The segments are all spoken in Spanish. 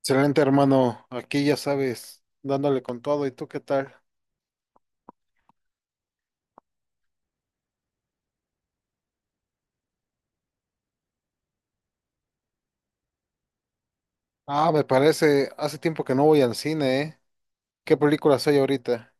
Excelente, hermano. Aquí ya sabes, dándole con todo. ¿Y tú qué tal? Ah, me parece, hace tiempo que no voy al cine, ¿eh? ¿Qué películas hay ahorita?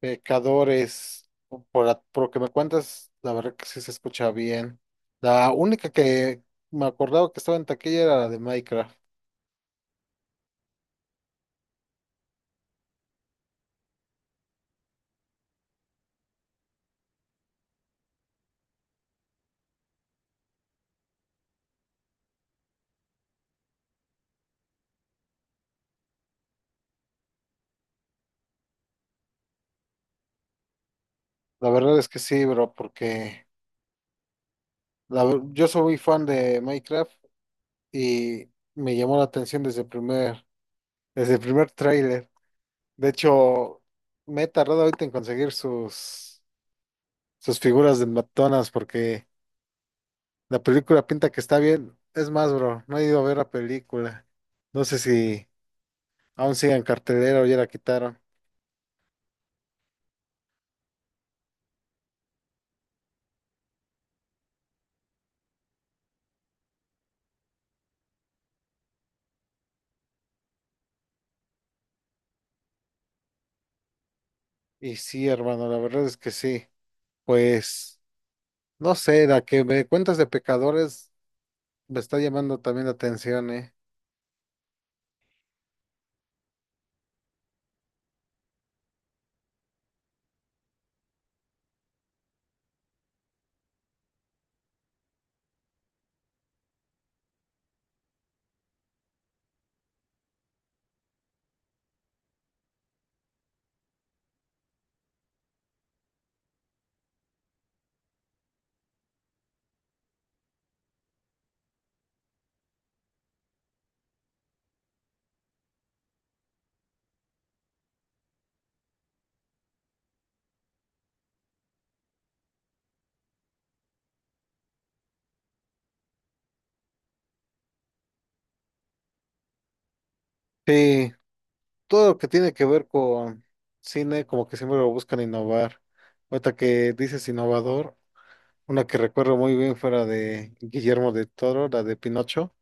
Pecadores, por, por lo que me cuentas, la verdad que sí se escucha bien. La única que me acordaba que estaba en taquilla era la de Minecraft. La verdad es que sí, bro, porque yo soy muy fan de Minecraft y me llamó la atención desde el primer tráiler. De hecho, me he tardado ahorita en conseguir sus figuras de McDonald's porque la película pinta que está bien. Es más, bro, no he ido a ver la película. No sé si aún sigue en cartelera o ya la quitaron. Y sí, hermano, la verdad es que sí. Pues, no sé, la que me cuentas de pecadores me está llamando también la atención, ¿eh? Sí, todo lo que tiene que ver con cine, como que siempre lo buscan innovar. Ahorita que dices innovador. Una que recuerdo muy bien fue la de Guillermo del Toro, la de Pinocho.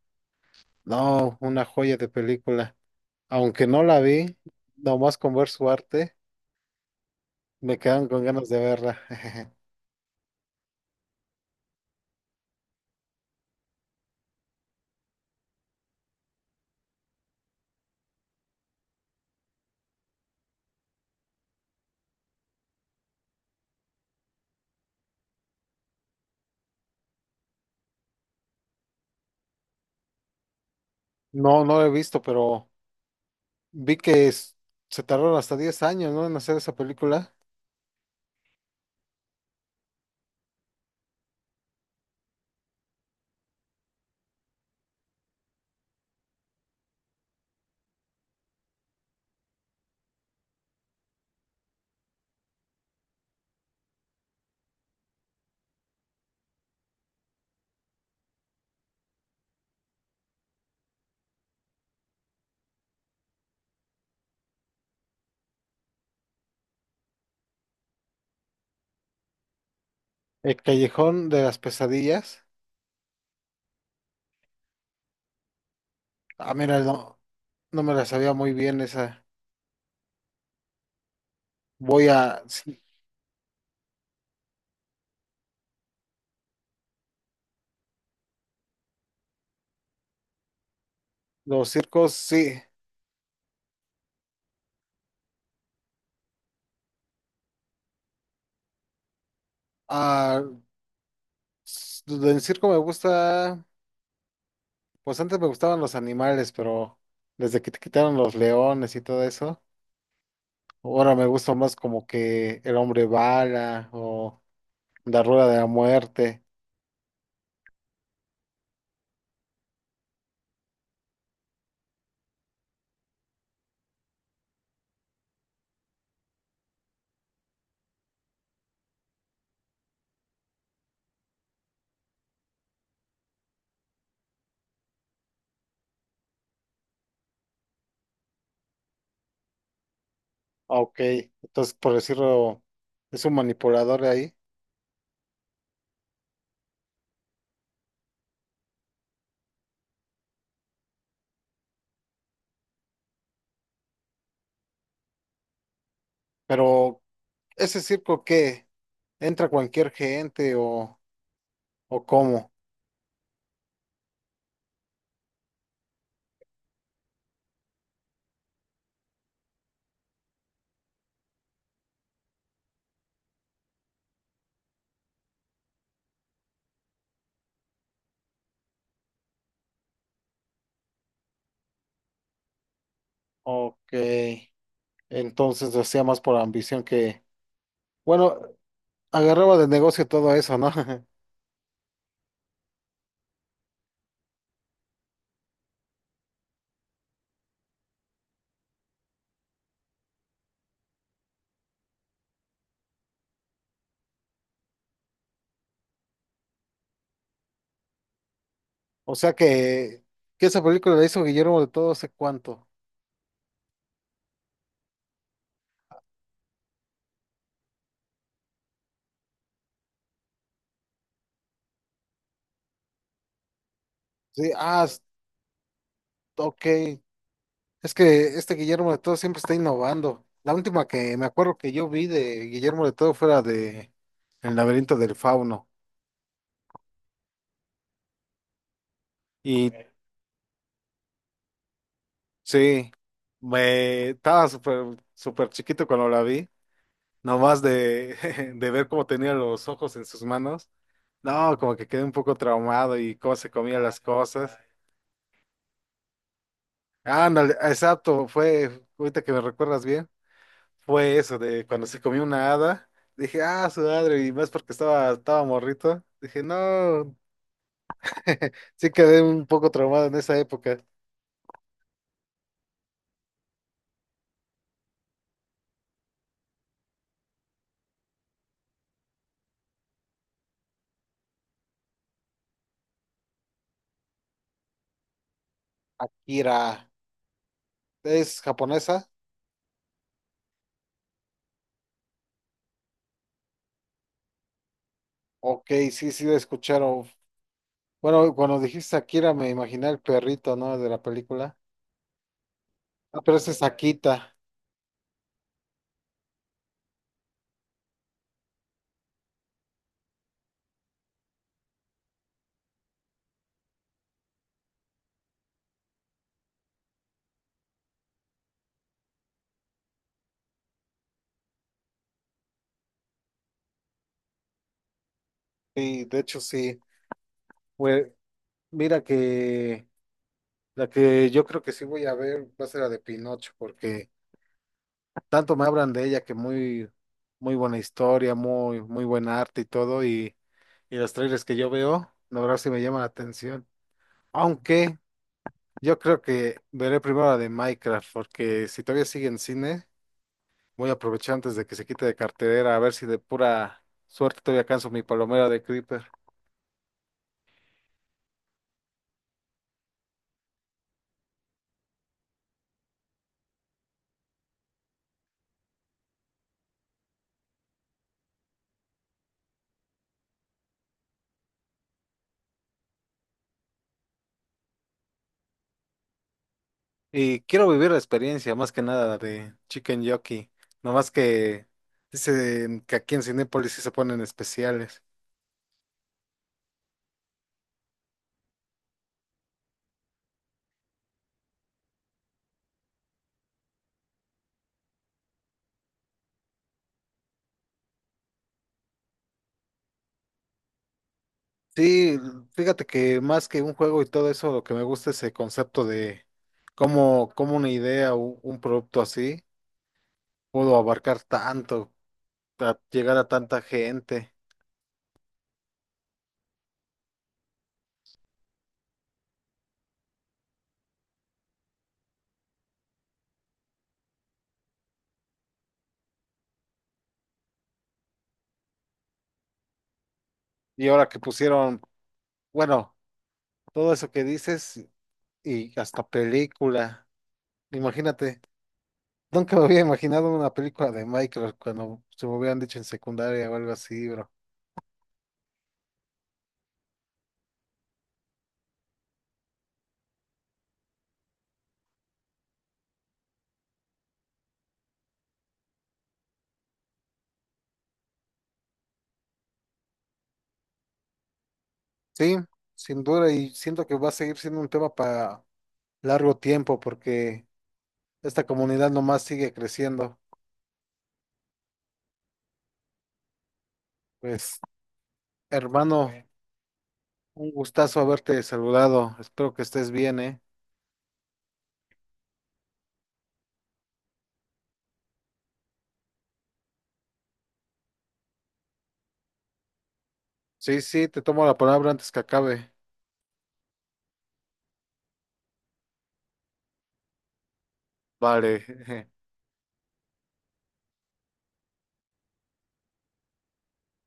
No, una joya de película. Aunque no la vi, nomás con ver su arte, me quedan con ganas de verla. No, no la he visto, pero vi que es- se tardaron hasta 10 años, ¿no?, en hacer esa película. El Callejón de las Pesadillas. Ah, mira, no, no me la sabía muy bien esa. Voy a... sí. Los circos, sí. Ah, en circo me gusta... Pues antes me gustaban los animales, pero desde que te quitaron los leones y todo eso, ahora me gusta más como que el hombre bala o la rueda de la muerte. Ah, ok, entonces por decirlo, es un manipulador ahí, pero ese circo que entra cualquier gente o cómo. Ok, entonces lo hacía más por ambición que, bueno, agarraba de negocio todo eso, ¿no? O sea que esa película la hizo Guillermo de Todo hace cuánto. Sí, ah, s- ok. Es que este Guillermo de Todo siempre está innovando. La última que me acuerdo que yo vi de Guillermo de Todo fue la de El laberinto del fauno. Y ok. Sí, me estaba súper súper chiquito cuando la vi, nomás de, de ver cómo tenía los ojos en sus manos. No, como que quedé un poco traumado y cómo se comía las cosas. Ándale, exacto, fue ahorita que me recuerdas bien. Fue eso, de cuando se comió una hada, dije, ah, su madre, y más porque estaba, estaba morrito, dije, no, sí quedé un poco traumado en esa época. Akira, ¿es japonesa? Ok, sí, sí, la escucharon. Bueno, cuando dijiste Akira me imaginé el perrito, ¿no?, de la película. Ah, pero esa es Akita, sí, de hecho sí. Pues, mira que la que yo creo que sí voy a ver va a ser la de Pinocho, porque... tanto me hablan de ella que muy, muy buena historia, muy, muy buen arte y todo, y los trailers que yo veo, la verdad sí me llaman la atención. Aunque yo creo que veré primero la de Minecraft, porque si todavía sigue en cine, voy a aprovechar antes de que se quite de cartelera, a ver si de pura suerte todavía alcanzo mi palomera de Creeper. Y quiero vivir la experiencia, más que nada, la de Chicken Jockey, nomás que dicen que aquí en Cinépolis sí se ponen especiales. Sí, fíjate que más que un juego y todo eso, lo que me gusta es el concepto de cómo, cómo una idea o un producto así pudo abarcar tanto, a llegar a tanta gente. Y ahora que pusieron, bueno, todo eso que dices y hasta película. Imagínate, nunca me había imaginado una película de Minecraft cuando se me hubieran dicho en secundaria o algo así, bro. Sí, sin duda, y siento que va a seguir siendo un tema para largo tiempo porque... Esta comunidad nomás sigue creciendo. Pues, hermano, un gustazo haberte saludado. Espero que estés bien, ¿eh? Sí, sí, te tomo la palabra antes que acabe. Vale.